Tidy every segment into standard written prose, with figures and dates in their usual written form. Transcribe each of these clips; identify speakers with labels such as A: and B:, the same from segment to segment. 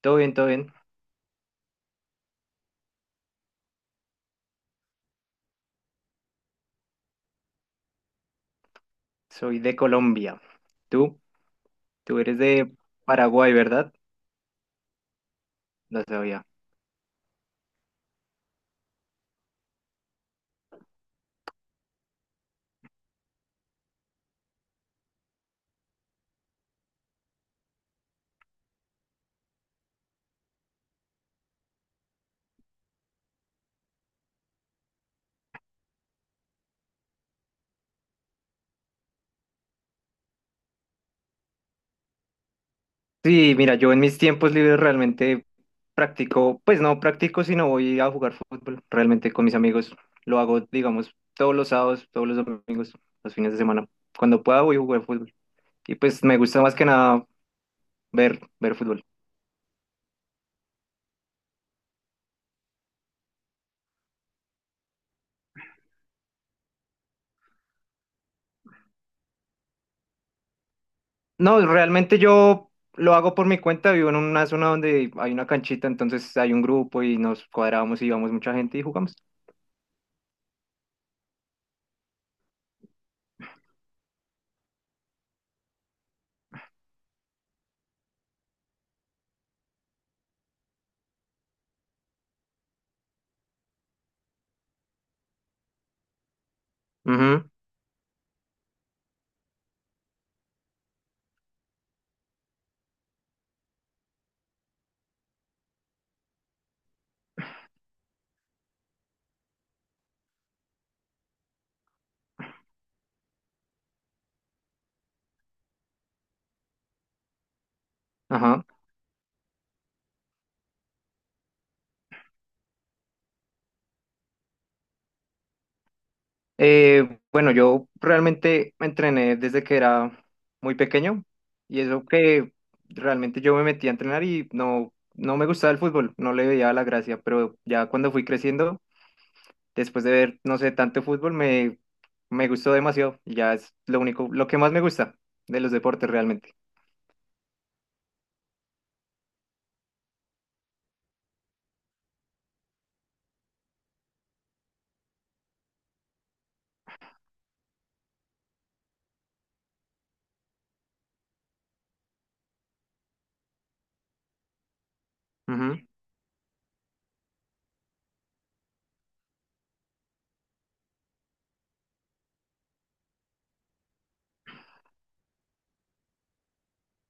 A: Todo bien, todo bien. Soy de Colombia. ¿Tú? Tú eres de Paraguay, ¿verdad? No sabía. Sí, mira, yo en mis tiempos libres realmente practico, pues no practico, sino voy a jugar fútbol. Realmente con mis amigos lo hago, digamos, todos los sábados, todos los domingos, los fines de semana. Cuando pueda voy a jugar fútbol. Y pues me gusta más que nada ver fútbol. No, realmente yo lo hago por mi cuenta. Vivo en una zona donde hay una canchita, entonces hay un grupo y nos cuadramos y vamos mucha gente y jugamos. Ujú. Ajá. Bueno, yo realmente me entrené desde que era muy pequeño y eso que realmente yo me metí a entrenar y no me gustaba el fútbol, no le veía la gracia, pero ya cuando fui creciendo, después de ver, no sé, tanto fútbol, me gustó demasiado y ya es lo único, lo que más me gusta de los deportes realmente. Ujú.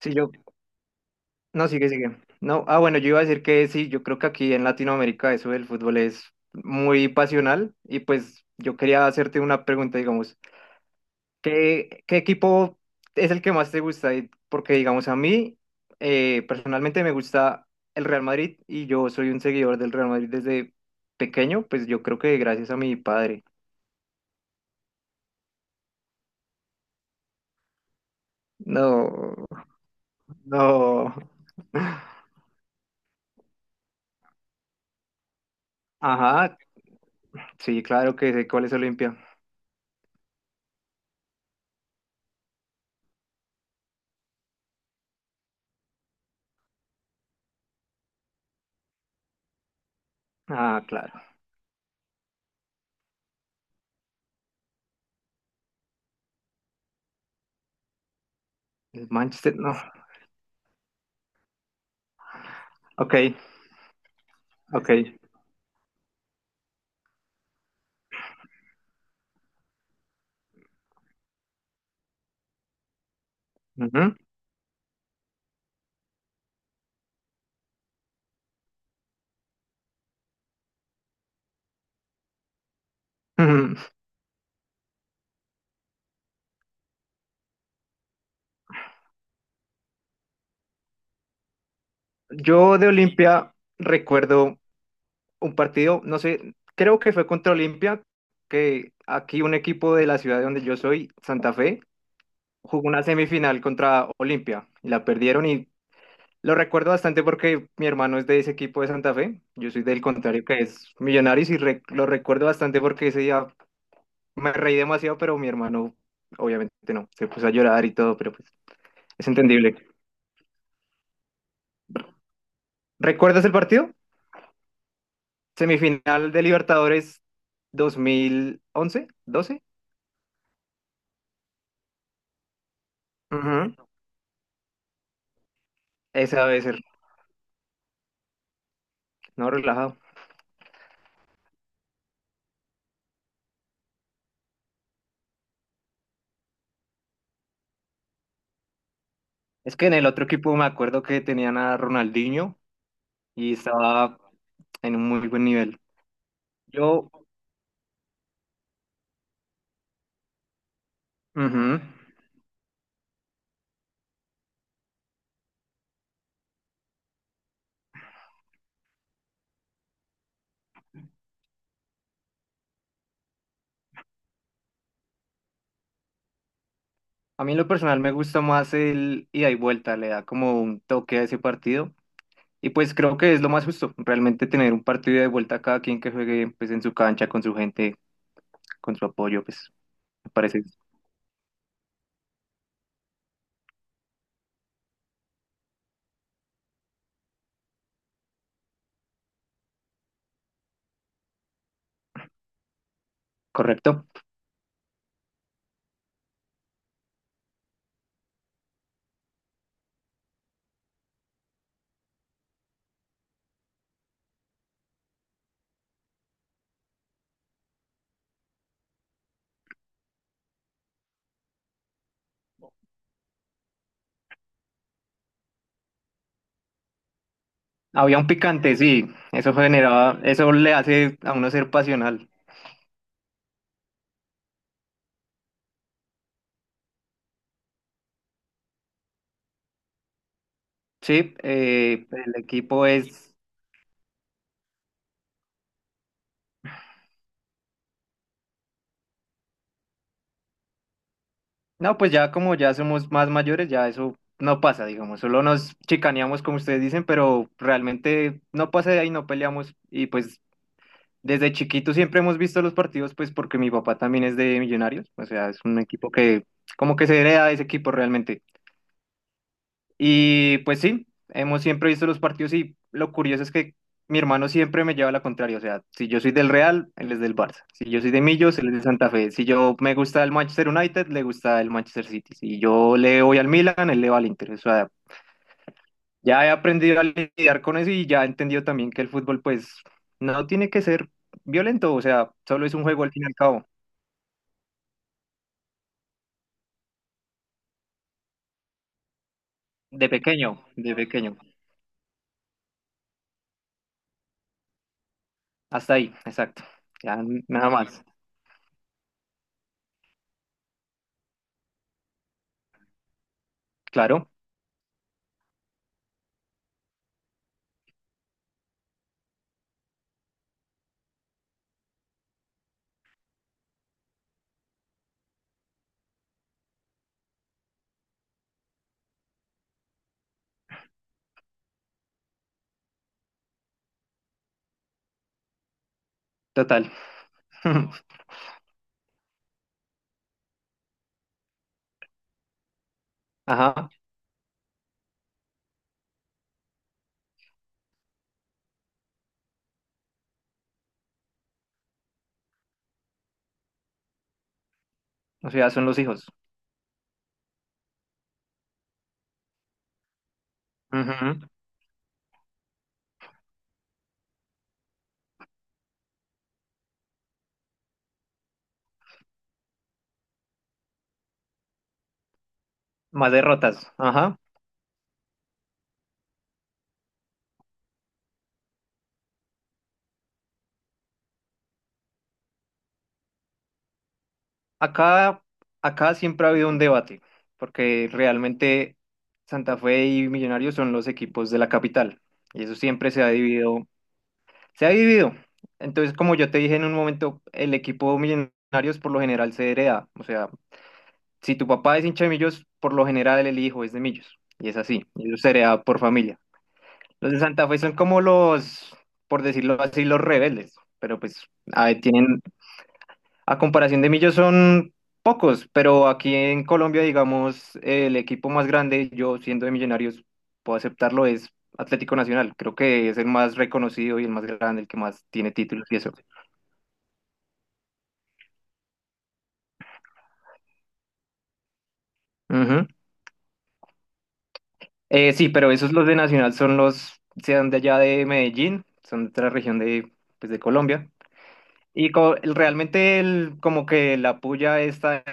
A: Sí, yo. No, sigue. No, ah, bueno, yo iba a decir que sí, yo creo que aquí en Latinoamérica eso del fútbol es muy pasional y pues yo quería hacerte una pregunta, digamos, ¿qué equipo es el que más te gusta? Y- Porque, digamos, a mí personalmente me gusta el Real Madrid y yo soy un seguidor del Real Madrid desde pequeño, pues yo creo que gracias a mi padre. No, no. Ajá, sí, claro que sé cuál es Olimpia. Ah, claro. El Manchester, no. Ok. Ok. Ujú. Ujú. Yo de Olimpia recuerdo un partido, no sé, creo que fue contra Olimpia, que aquí un equipo de la ciudad de donde yo soy, Santa Fe, jugó una semifinal contra Olimpia y la perdieron y lo recuerdo bastante porque mi hermano es de ese equipo de Santa Fe, yo soy del contrario que es Millonarios y lo recuerdo bastante porque ese día me reí demasiado, pero mi hermano obviamente no, se puso a llorar y todo, pero pues es entendible. ¿Recuerdas el partido? Semifinal de Libertadores 2011, 12. Ujú. Esa debe ser, no relajado. Es que en el otro equipo me acuerdo que tenían a Ronaldinho y estaba en un muy buen nivel. Yo, ujú. A mí en lo personal me gusta más el ida y vuelta, le da como un toque a ese partido. Y pues creo que es lo más justo, realmente tener un partido de vuelta a cada quien que juegue pues en su cancha, con su gente, con su apoyo, pues me parece correcto. Había un picante, sí, eso generaba, eso le hace a uno ser pasional. Sí, el equipo es, no, pues ya como ya somos más mayores, ya eso no pasa, digamos, solo nos chicaneamos como ustedes dicen, pero realmente no pasa de ahí, no peleamos y pues desde chiquitos siempre hemos visto los partidos, pues porque mi papá también es de Millonarios, o sea, es un equipo que como que se hereda de ese equipo realmente. Y pues sí, hemos siempre visto los partidos y lo curioso es que mi hermano siempre me lleva a la contraria. O sea, si yo soy del Real, él es del Barça. Si yo soy de Millos, él es de Santa Fe. Si yo me gusta el Manchester United, le gusta el Manchester City. Si yo le voy al Milan, él le va al Inter. O sea, ya he aprendido a lidiar con eso y ya he entendido también que el fútbol, pues, no tiene que ser violento. O sea, solo es un juego al fin y al cabo. De pequeño, de pequeño. Hasta ahí, exacto. Ya nada más. Claro, total. Ajá. O sea, son los hijos. Ujú. Más derrotas. Ajá. Acá, acá siempre ha habido un debate, porque realmente Santa Fe y Millonarios son los equipos de la capital, y eso siempre se ha dividido. Se ha dividido. Entonces, como yo te dije en un momento, el equipo Millonarios por lo general se hereda. O sea, si tu papá es hincha de Millos, por lo general el hijo es de Millos, y es así, y eso se hereda por familia. Los de Santa Fe son como los, por decirlo así, los rebeldes, pero pues ah, tienen. A comparación de Millos son pocos, pero aquí en Colombia, digamos, el equipo más grande, yo siendo de Millonarios, puedo aceptarlo, es Atlético Nacional. Creo que es el más reconocido y el más grande, el que más tiene títulos y eso. Ujú. Sí, pero esos los de Nacional son los, sean de allá de Medellín, son de otra región de, pues, de Colombia. Y realmente el, como que la puya está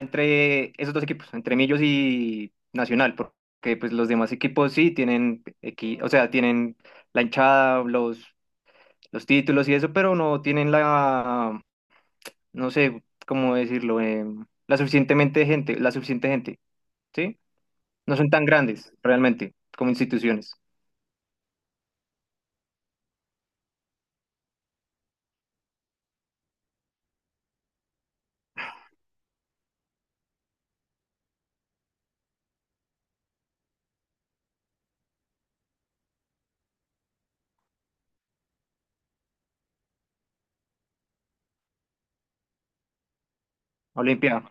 A: entre esos dos equipos, entre Millos y Nacional, porque pues los demás equipos sí tienen o sea, tienen la hinchada, los títulos y eso, pero no tienen la, no sé cómo decirlo, la suficientemente gente, la suficiente gente, ¿sí? No son tan grandes realmente como instituciones. Olimpia,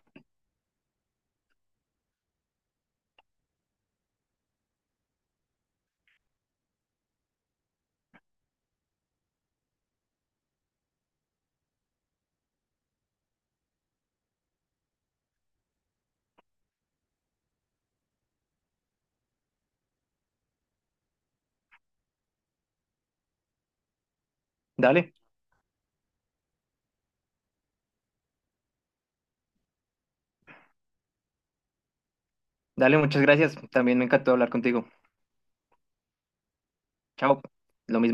A: dale, dale, muchas gracias. También me encantó hablar contigo. Chao. Lo mismo.